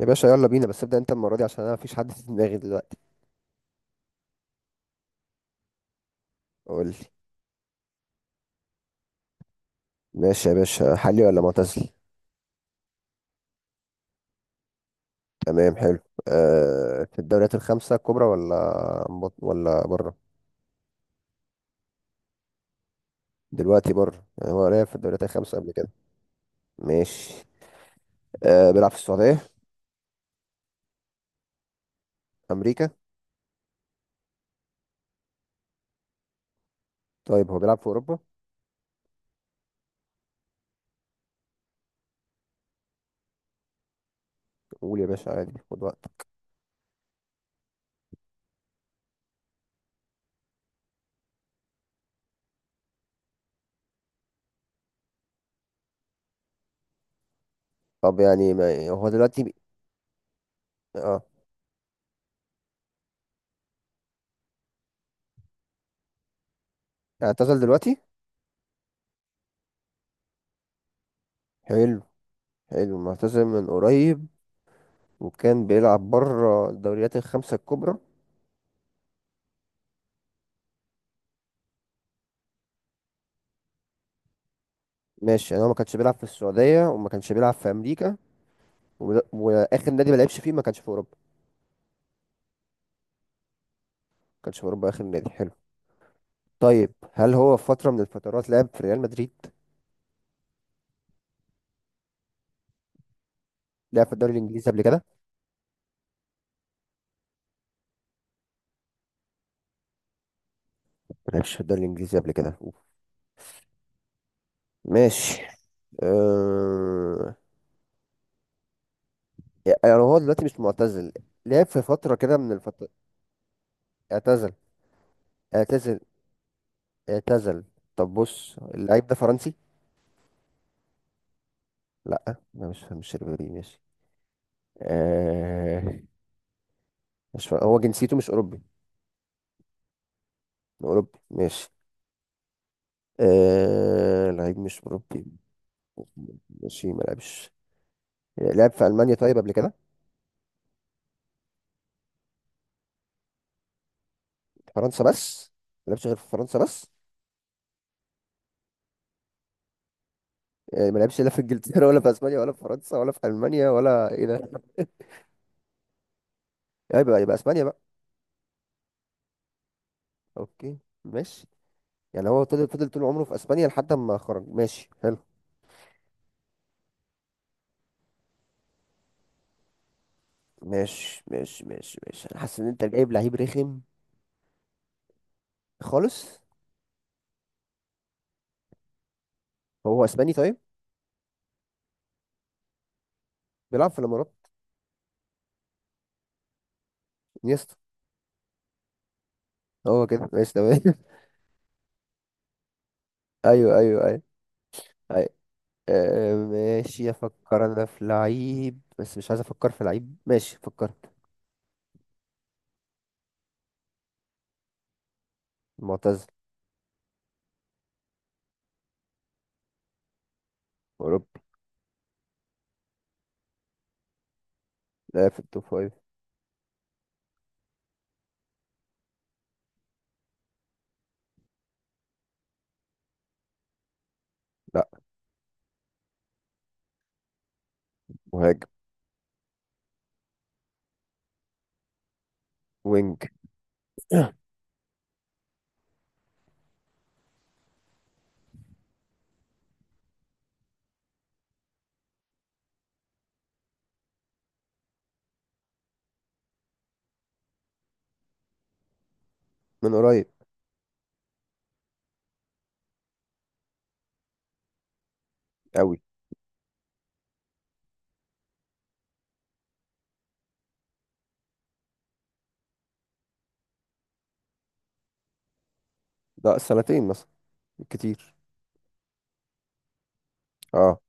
يا باشا يلا بينا، بس ابدأ انت المرة دي عشان انا مفيش حد في دماغي دلوقتي. قول لي. ماشي يا باشا، حالي ولا معتزل؟ تمام، حلو. أه، في الدوريات الخمسة الكبرى ولا ولا بره؟ دلوقتي بره، يعني هو لعب في الدوريات الخمسة قبل كده؟ ماشي. أه، بيلعب في السعودية؟ أمريكا؟ طيب هو بيلعب في أوروبا؟ قول يا باشا، عادي خد وقت. طب يعني ما هو دلوقتي اه، اعتزل دلوقتي؟ حلو. حلو، معتزل من قريب، وكان بيلعب بره الدوريات الخمسة الكبرى. ماشي، يعني هو ما كانش بيلعب في السعودية وما كانش بيلعب في أمريكا، وآخر نادي ما لعبش فيه ما كانش في أوروبا؟ ما كانش في أوروبا آخر نادي، حلو. طيب هل هو في فترة من الفترات لعب في ريال مدريد؟ لعب في الدوري الإنجليزي قبل كده؟ ما لعبش في الدوري الإنجليزي قبل كده، ماشي. أه... يعني هو دلوقتي مش معتزل؟ لعب في فترة كده من الفترات؟ اعتزل. اعتزل. اعتزل. طب بص، اللعيب ده فرنسي؟ لا، ما مش شربيني، ماشي. أه... مش فر... هو جنسيته مش أوروبي؟ أوروبي، ماشي. آه، لعيب مش مربي، ماشي ما لعبش. لعب في ألمانيا طيب قبل كده؟ فرنسا بس؟ ما لعبش غير في فرنسا بس؟ آه، ما لعبش لا في إنجلترا ولا في إسبانيا ولا في فرنسا ولا في ألمانيا ولا إيه ده؟ آه، يبقى إسبانيا بقى. أوكي، ماشي. يعني هو فضل طول عمره في إسبانيا لحد ما خرج، ماشي حلو. ماشي ماشي ماشي ماشي، أنا حاسس إن أنت جايب لعيب رخم. خالص. هو إسباني طيب؟ بيلعب في الإمارات؟ انيستا؟ هو كده، ماشي تمام. أيوه أيوه أيوه. آه، ماشي، افكر انا في لعيب بس مش عايز افكر في لعيب، ماشي فكرت. معتزل. اوروبي. لا، في التوب فايف. لا. مهاجم. وينج. من قريب. قوي. لا، سنتين مثلا، كتير. اه.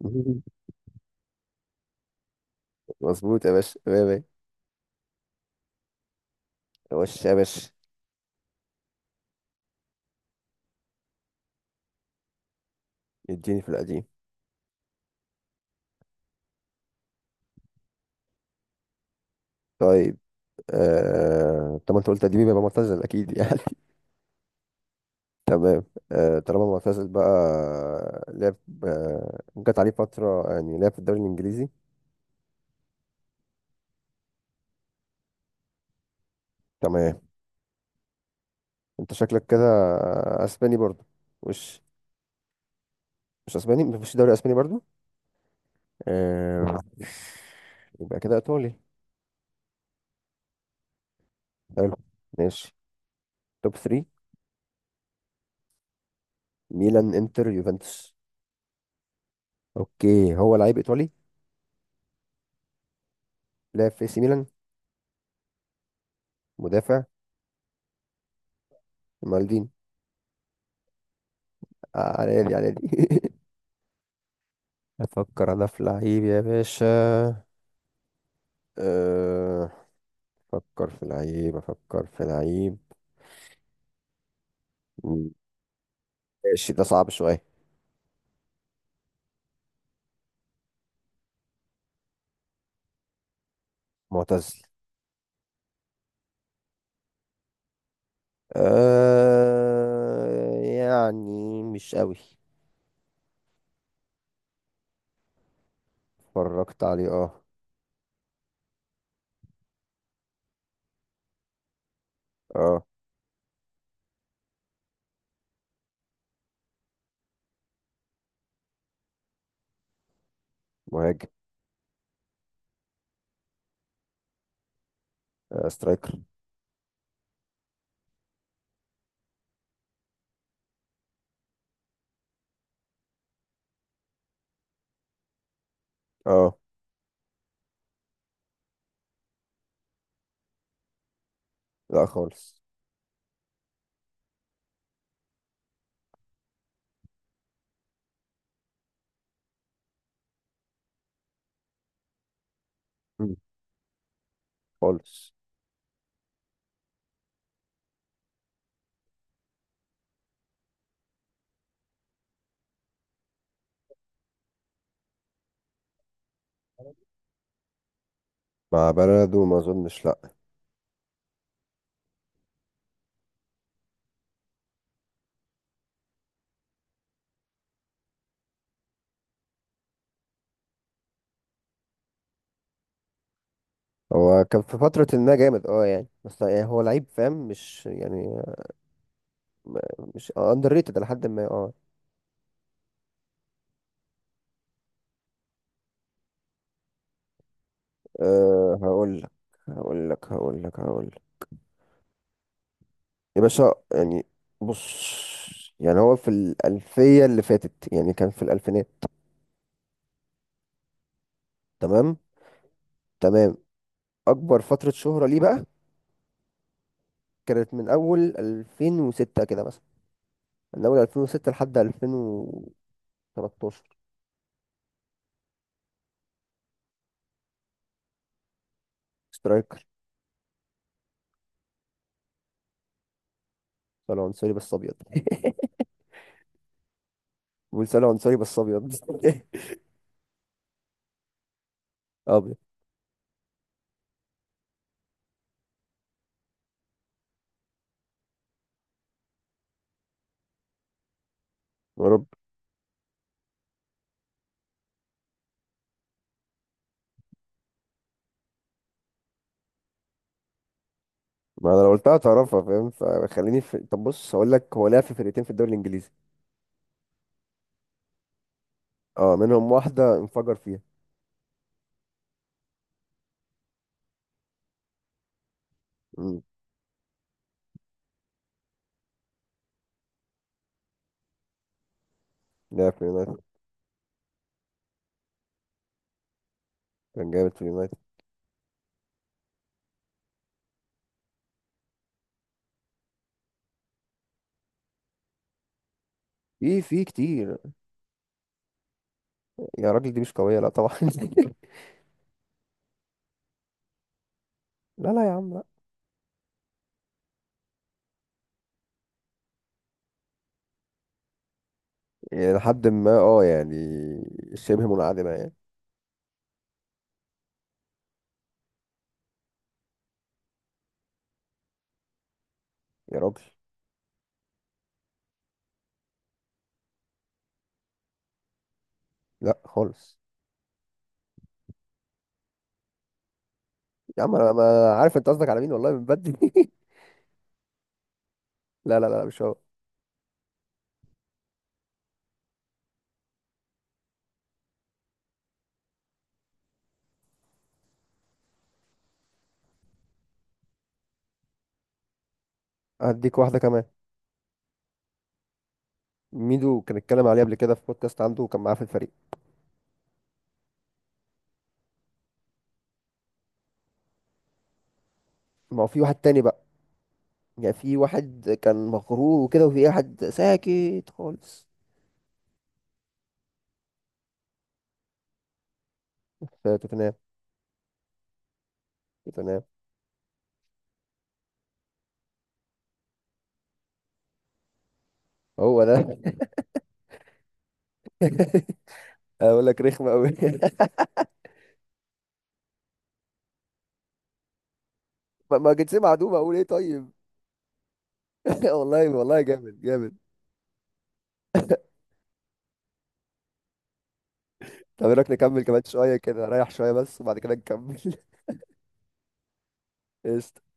مظبوط يا باشا، يا باشا. يا باشا يا باشا. اديني في القديم. طيب. طب ما انت قلت قديم يبقى معتزل اكيد يعني. تمام. طالما معتزل بقى، لعب. جت عليه فترة يعني لعب في الدوري الانجليزي؟ تمام. انت شكلك كده اسباني برضو. مش مش اسباني، مفيش دوري اسباني برضو. آه... يبقى كده ايطالي. حلو. ماشي. توب 3. ميلان، انتر، يوفنتوس؟ اوكي، هو لعيب ايطالي. لعب في سي ميلان. مدافع. مالدين. على دي افكر انا في لعيب يا باشا، آه، افكر في لعيب، افكر في لعيب، ماشي ده صعب شوية. معتزل. أه يعني مش قوي. اتفرجت عليه، اه. اه. مهاجم. آه، سترايكر. اه. لا خالص. مم. خالص. مع بلده ما اظنش، لا. هو كان في فترة ما جامد، اه يعني، بس يعني هو لعيب فاهم، مش يعني م- مش اندر ريتد لحد ما اه. آه، هقول لك، هقول لك هقول لك هقول لك يا باشا، يعني بص، يعني هو في الألفية اللي فاتت، يعني كان في الألفينات. تمام. تمام. أكبر فترة شهرة ليه بقى كانت من أول 2006 كده مثلا، من اول 2006 لحد 2013. سترايكر، صالح عنصري بس ابيض. بقول صالح عنصري بس ابيض. ابيض. يا رب. ما انا لو قلتها تعرفها فاهم، طب بص هقول لك، هو لعب في فرقتين في الدوري الانجليزي. اه، منهم واحده انفجر فيها. امم. لعب في يونايتد. كان جامد في يونايتد. في كتير. يا راجل، دي مش قويه، لا طبعا. لا لا يا عم لا. يعني لحد ما اه يعني شبه منعدمه يعني. يا راجل، لا خالص. يا عم انا، أنا عارف انت قصدك على مين والله، من بدري. لا لا لا، مش هو. هديك واحدة كمان. ميدو كان اتكلم عليه قبل كده في بودكاست عنده، وكان معاه في الفريق. ما هو في واحد تاني بقى، يعني في واحد كان مغرور وكده، وفي واحد ساكت خالص. في توتنهام. توتنهام. هو ده. اقول لك رخمة قوي. ما جيتش معدوم، اقول ايه طيب. والله والله، جامد جامد. طب ايه رايك نكمل كمان شوية كده، رايح شوية بس وبعد كده نكمل. قشطة.